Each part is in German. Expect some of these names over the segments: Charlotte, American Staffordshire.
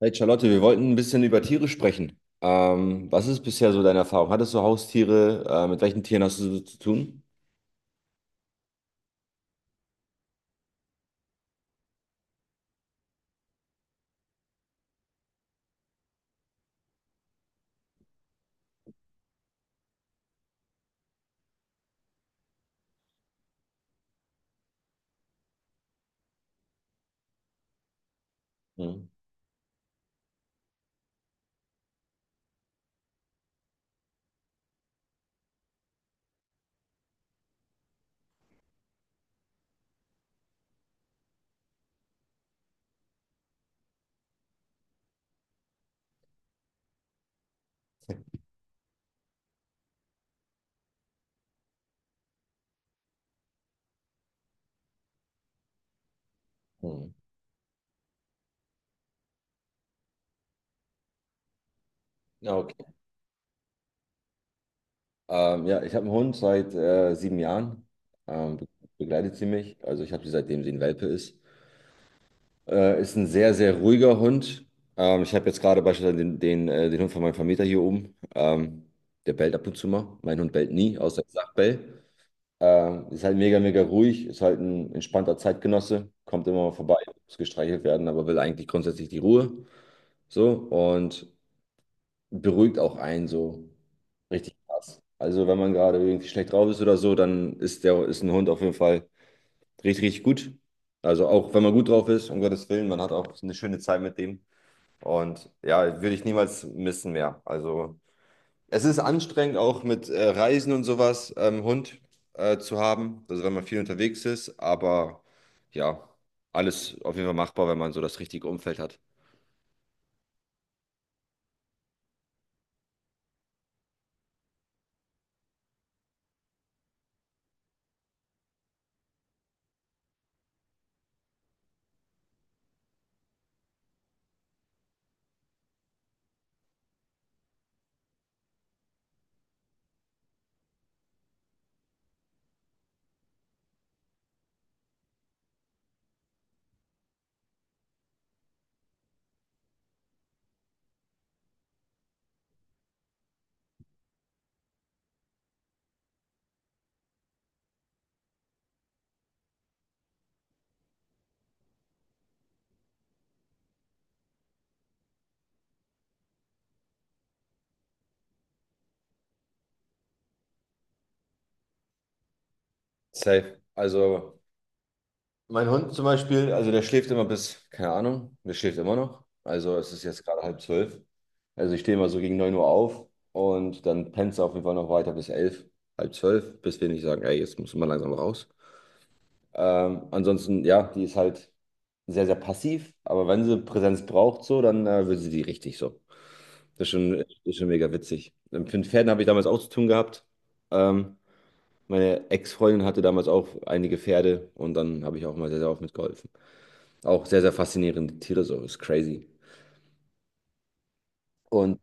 Hey Charlotte, wir wollten ein bisschen über Tiere sprechen. Was ist bisher so deine Erfahrung? Hattest du Haustiere? Mit welchen Tieren hast du so zu tun? Hm. Hm. Ja, okay. Ja, ich habe einen Hund seit sieben Jahren. Ähm, be- Begleitet sie mich. Also ich habe sie seitdem sie ein Welpe ist. Ist ein sehr, sehr ruhiger Hund. Ich habe jetzt gerade beispielsweise den Hund von meinem Vermieter hier oben. Der bellt ab und zu mal. Mein Hund bellt nie, außer ich sage Bell. Ist halt mega, mega ruhig, ist halt ein entspannter Zeitgenosse, kommt immer mal vorbei, muss gestreichelt werden, aber will eigentlich grundsätzlich die Ruhe. So und beruhigt auch einen so richtig krass. Also, wenn man gerade irgendwie schlecht drauf ist oder so, dann ist der, ist ein Hund auf jeden Fall richtig, richtig gut. Also, auch wenn man gut drauf ist, um Gottes Willen, man hat auch eine schöne Zeit mit dem. Und ja, würde ich niemals missen mehr. Also, es ist anstrengend, auch mit Reisen und sowas, Hund zu haben, also wenn man viel unterwegs ist, aber ja, alles auf jeden Fall machbar, wenn man so das richtige Umfeld hat. Safe. Also mein Hund zum Beispiel, also der schläft immer bis, keine Ahnung, der schläft immer noch. Also es ist jetzt gerade halb zwölf. Also ich stehe immer so gegen 9 Uhr auf und dann pennt er auf jeden Fall noch weiter bis elf, halb zwölf, bis wir nicht sagen, ey, jetzt muss man langsam raus. Ansonsten, ja, die ist halt sehr, sehr passiv, aber wenn sie Präsenz braucht, so, dann will sie die richtig so. Das ist schon mega witzig. Mit den Pferden habe ich damals auch zu tun gehabt. Ähm, Meine Ex-Freundin hatte damals auch einige Pferde und dann habe ich auch mal sehr, sehr oft mitgeholfen. Auch sehr, sehr faszinierende Tiere, so, ist crazy. Und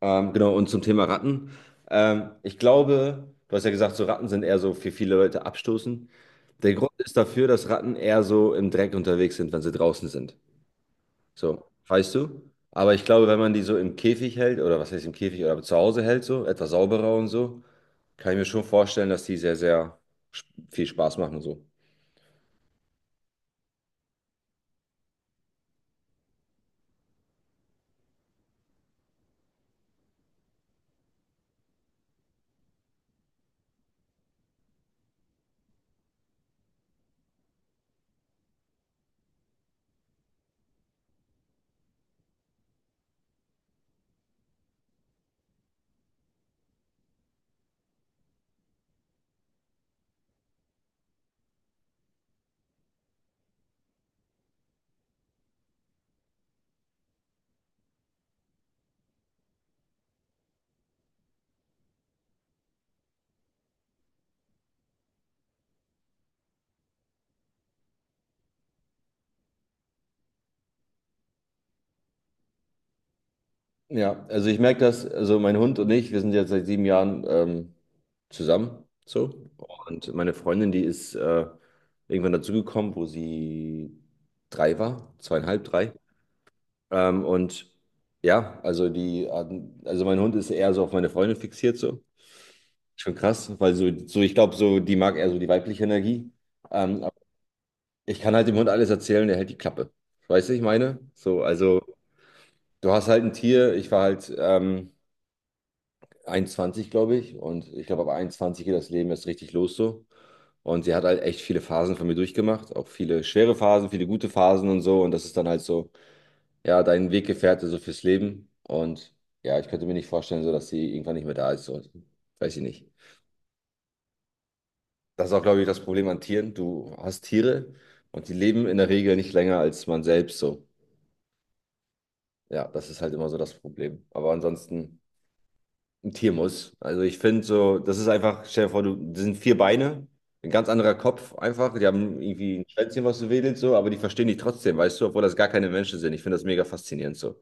genau, und zum Thema Ratten. Ich glaube, du hast ja gesagt, so Ratten sind eher so für viele Leute abstoßend. Der Grund ist dafür, dass Ratten eher so im Dreck unterwegs sind, wenn sie draußen sind. So, weißt du? Aber ich glaube, wenn man die so im Käfig hält, oder was heißt im Käfig, oder zu Hause hält, so, etwas sauberer und so, kann ich mir schon vorstellen, dass die sehr, sehr viel Spaß machen und so. Ja, also ich merke das, also mein Hund und ich, wir sind jetzt seit 7 Jahren zusammen, so. Und meine Freundin, die ist irgendwann dazugekommen, wo sie drei war, zweieinhalb, drei. Und ja, also also mein Hund ist eher so auf meine Freundin fixiert, so. Schon krass, weil so, so ich glaube, so die mag eher so die weibliche Energie. Aber ich kann halt dem Hund alles erzählen, der hält die Klappe. Weißt du, ich meine? So, also du hast halt ein Tier, ich war halt 21, glaube ich, und ich glaube, ab 21 geht das Leben erst richtig los so. Und sie hat halt echt viele Phasen von mir durchgemacht, auch viele schwere Phasen, viele gute Phasen und so. Und das ist dann halt so, ja, dein Weggefährte so fürs Leben. Und ja, ich könnte mir nicht vorstellen, so dass sie irgendwann nicht mehr da ist. So, weiß ich nicht. Das ist auch, glaube ich, das Problem an Tieren. Du hast Tiere und die leben in der Regel nicht länger als man selbst so. Ja, das ist halt immer so das Problem. Aber ansonsten, ein Tier muss. Also ich finde so, das ist einfach, stell dir vor, du, das sind vier Beine, ein ganz anderer Kopf einfach. Die haben irgendwie ein Schwänzchen, was so wedelt, so, aber die verstehen dich trotzdem, weißt du, obwohl das gar keine Menschen sind. Ich finde das mega faszinierend so.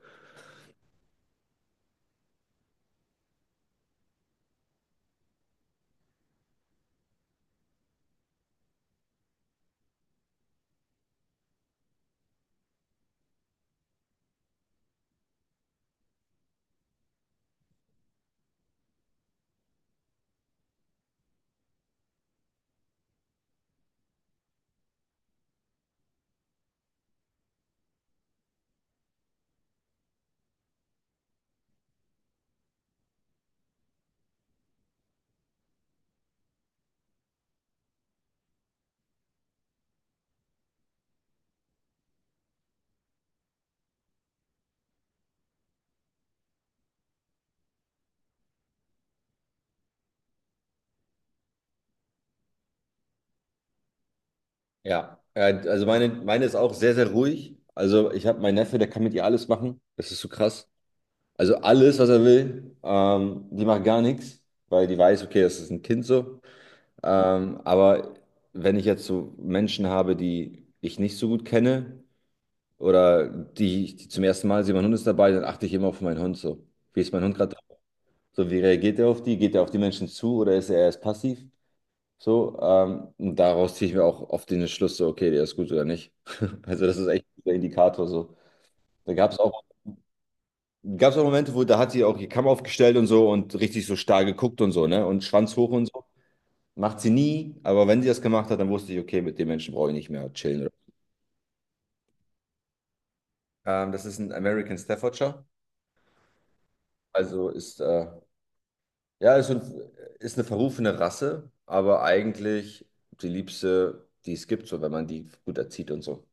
Ja, ja, also meine ist auch sehr, sehr ruhig. Also ich habe meinen Neffe, der kann mit ihr alles machen. Das ist so krass. Also alles, was er will. Die macht gar nichts, weil die weiß, okay, das ist ein Kind so. Aber wenn ich jetzt so Menschen habe, die ich nicht so gut kenne oder die zum ersten Mal sehe, mein Hund ist dabei, dann achte ich immer auf meinen Hund so. Wie ist mein Hund gerade drauf? So, wie reagiert er auf die? Geht er auf die Menschen zu oder ist er erst passiv? So, und daraus ziehe ich mir auch oft den Schluss so, okay, der ist gut oder nicht. Also das ist echt ein guter Indikator so. Da gab es auch Gab es auch Momente, wo da hat sie auch ihr Kamm aufgestellt und so und richtig so starr geguckt und so, ne? Und Schwanz hoch und so. Macht sie nie, aber wenn sie das gemacht hat, dann wusste ich, okay, mit dem Menschen brauche ich nicht mehr chillen. Das ist ein American Staffordshire. Also ist, äh, ja, ist, ein, ist eine verrufene Rasse, aber eigentlich die liebste, die es gibt, so wenn man die gut erzieht und so.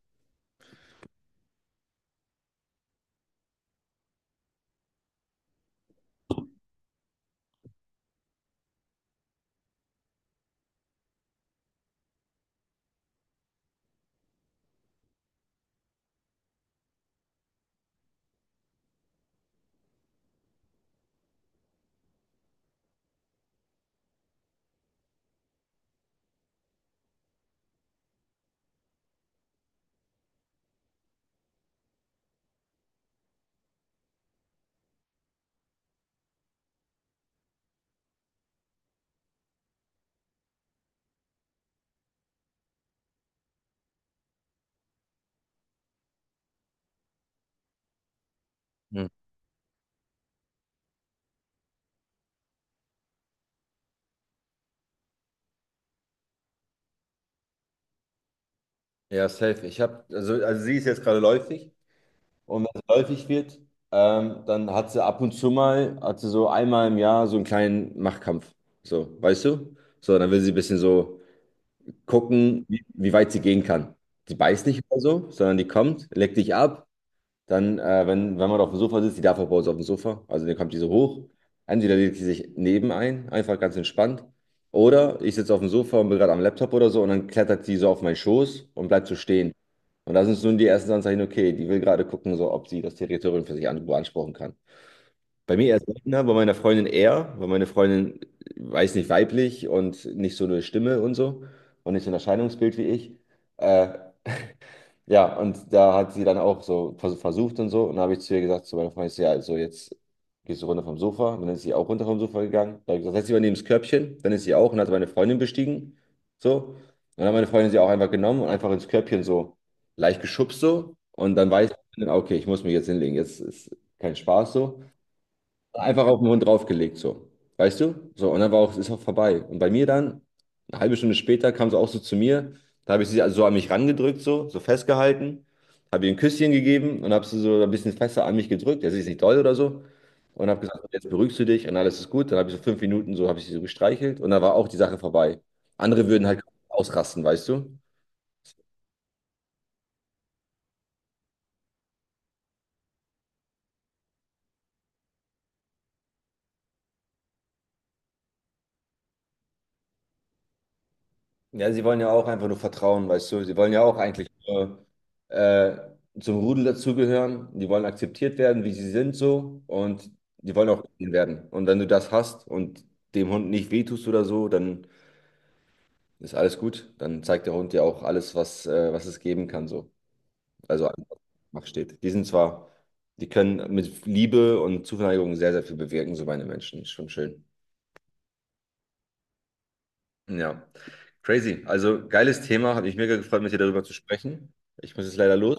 Hm. Ja, safe. Ich habe, also sie ist jetzt gerade läufig. Und wenn es läufig wird, dann hat sie ab und zu mal, hat sie so einmal im Jahr so einen kleinen Machtkampf. So, weißt du? So, dann will sie ein bisschen so gucken, wie weit sie gehen kann. Sie beißt nicht oder so, sondern die kommt, leckt dich ab. Dann, wenn man auf dem Sofa sitzt, die darf auch bei uns auf dem Sofa, also dann kommt die so hoch. Entweder legt sie sich neben ein, einfach ganz entspannt. Oder ich sitze auf dem Sofa und bin gerade am Laptop oder so und dann klettert sie so auf meinen Schoß und bleibt so stehen. Und da sind nun die ersten Anzeichen, okay, die will gerade gucken, so, ob sie das Territorium für sich an, beanspruchen kann. Bei mir erst seltener, bei meiner Freundin eher, weil meine Freundin, weiß nicht, weiblich und nicht so eine Stimme und so und nicht so ein Erscheinungsbild wie ich. Äh, ja, und da hat sie dann auch so versucht und so. Und dann habe ich zu ihr gesagt, zu meiner Freundin, ich so, ja, also jetzt gehst du runter vom Sofa. Und dann ist sie auch runter vom Sofa gegangen. Dann habe ich gesagt, setz dich mal neben das Körbchen. Dann ist sie auch und hat meine Freundin bestiegen. So. Und dann hat meine Freundin sie auch einfach genommen und einfach ins Körbchen so leicht geschubst so. Und dann weiß ich, okay, ich muss mich jetzt hinlegen. Jetzt ist kein Spaß so. Einfach auf den Hund draufgelegt, so. Weißt du? So, und dann war auch, ist auch vorbei. Und bei mir dann, eine halbe Stunde später, kam sie auch so zu mir. Da habe ich sie also so an mich rangedrückt, so, so festgehalten, habe ihr ein Küsschen gegeben und habe sie so ein bisschen fester an mich gedrückt. Also ist nicht doll oder so. Und habe gesagt, jetzt beruhigst du dich und alles ist gut. Dann habe ich so 5 Minuten so, habe ich sie so gestreichelt und dann war auch die Sache vorbei. Andere würden halt ausrasten, weißt du? Ja, sie wollen ja auch einfach nur vertrauen, weißt du. Sie wollen ja auch eigentlich nur äh, zum Rudel dazugehören. Die wollen akzeptiert werden, wie sie sind so. Und die wollen auch gesehen werden. Und wenn du das hast und dem Hund nicht wehtust oder so, dann ist alles gut. Dann zeigt der Hund dir auch alles, was es geben kann so. Also einfach macht steht. Die sind zwar, die können mit Liebe und Zuneigung sehr, sehr viel bewirken, so meine Menschen. Ist schon schön. Ja, crazy. Also geiles Thema. Hat mich mega gefreut, mit dir darüber zu sprechen. Ich muss jetzt leider los.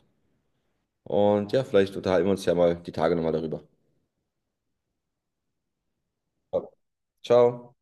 Und ja, vielleicht unterhalten wir uns ja mal die Tage nochmal darüber. Ciao.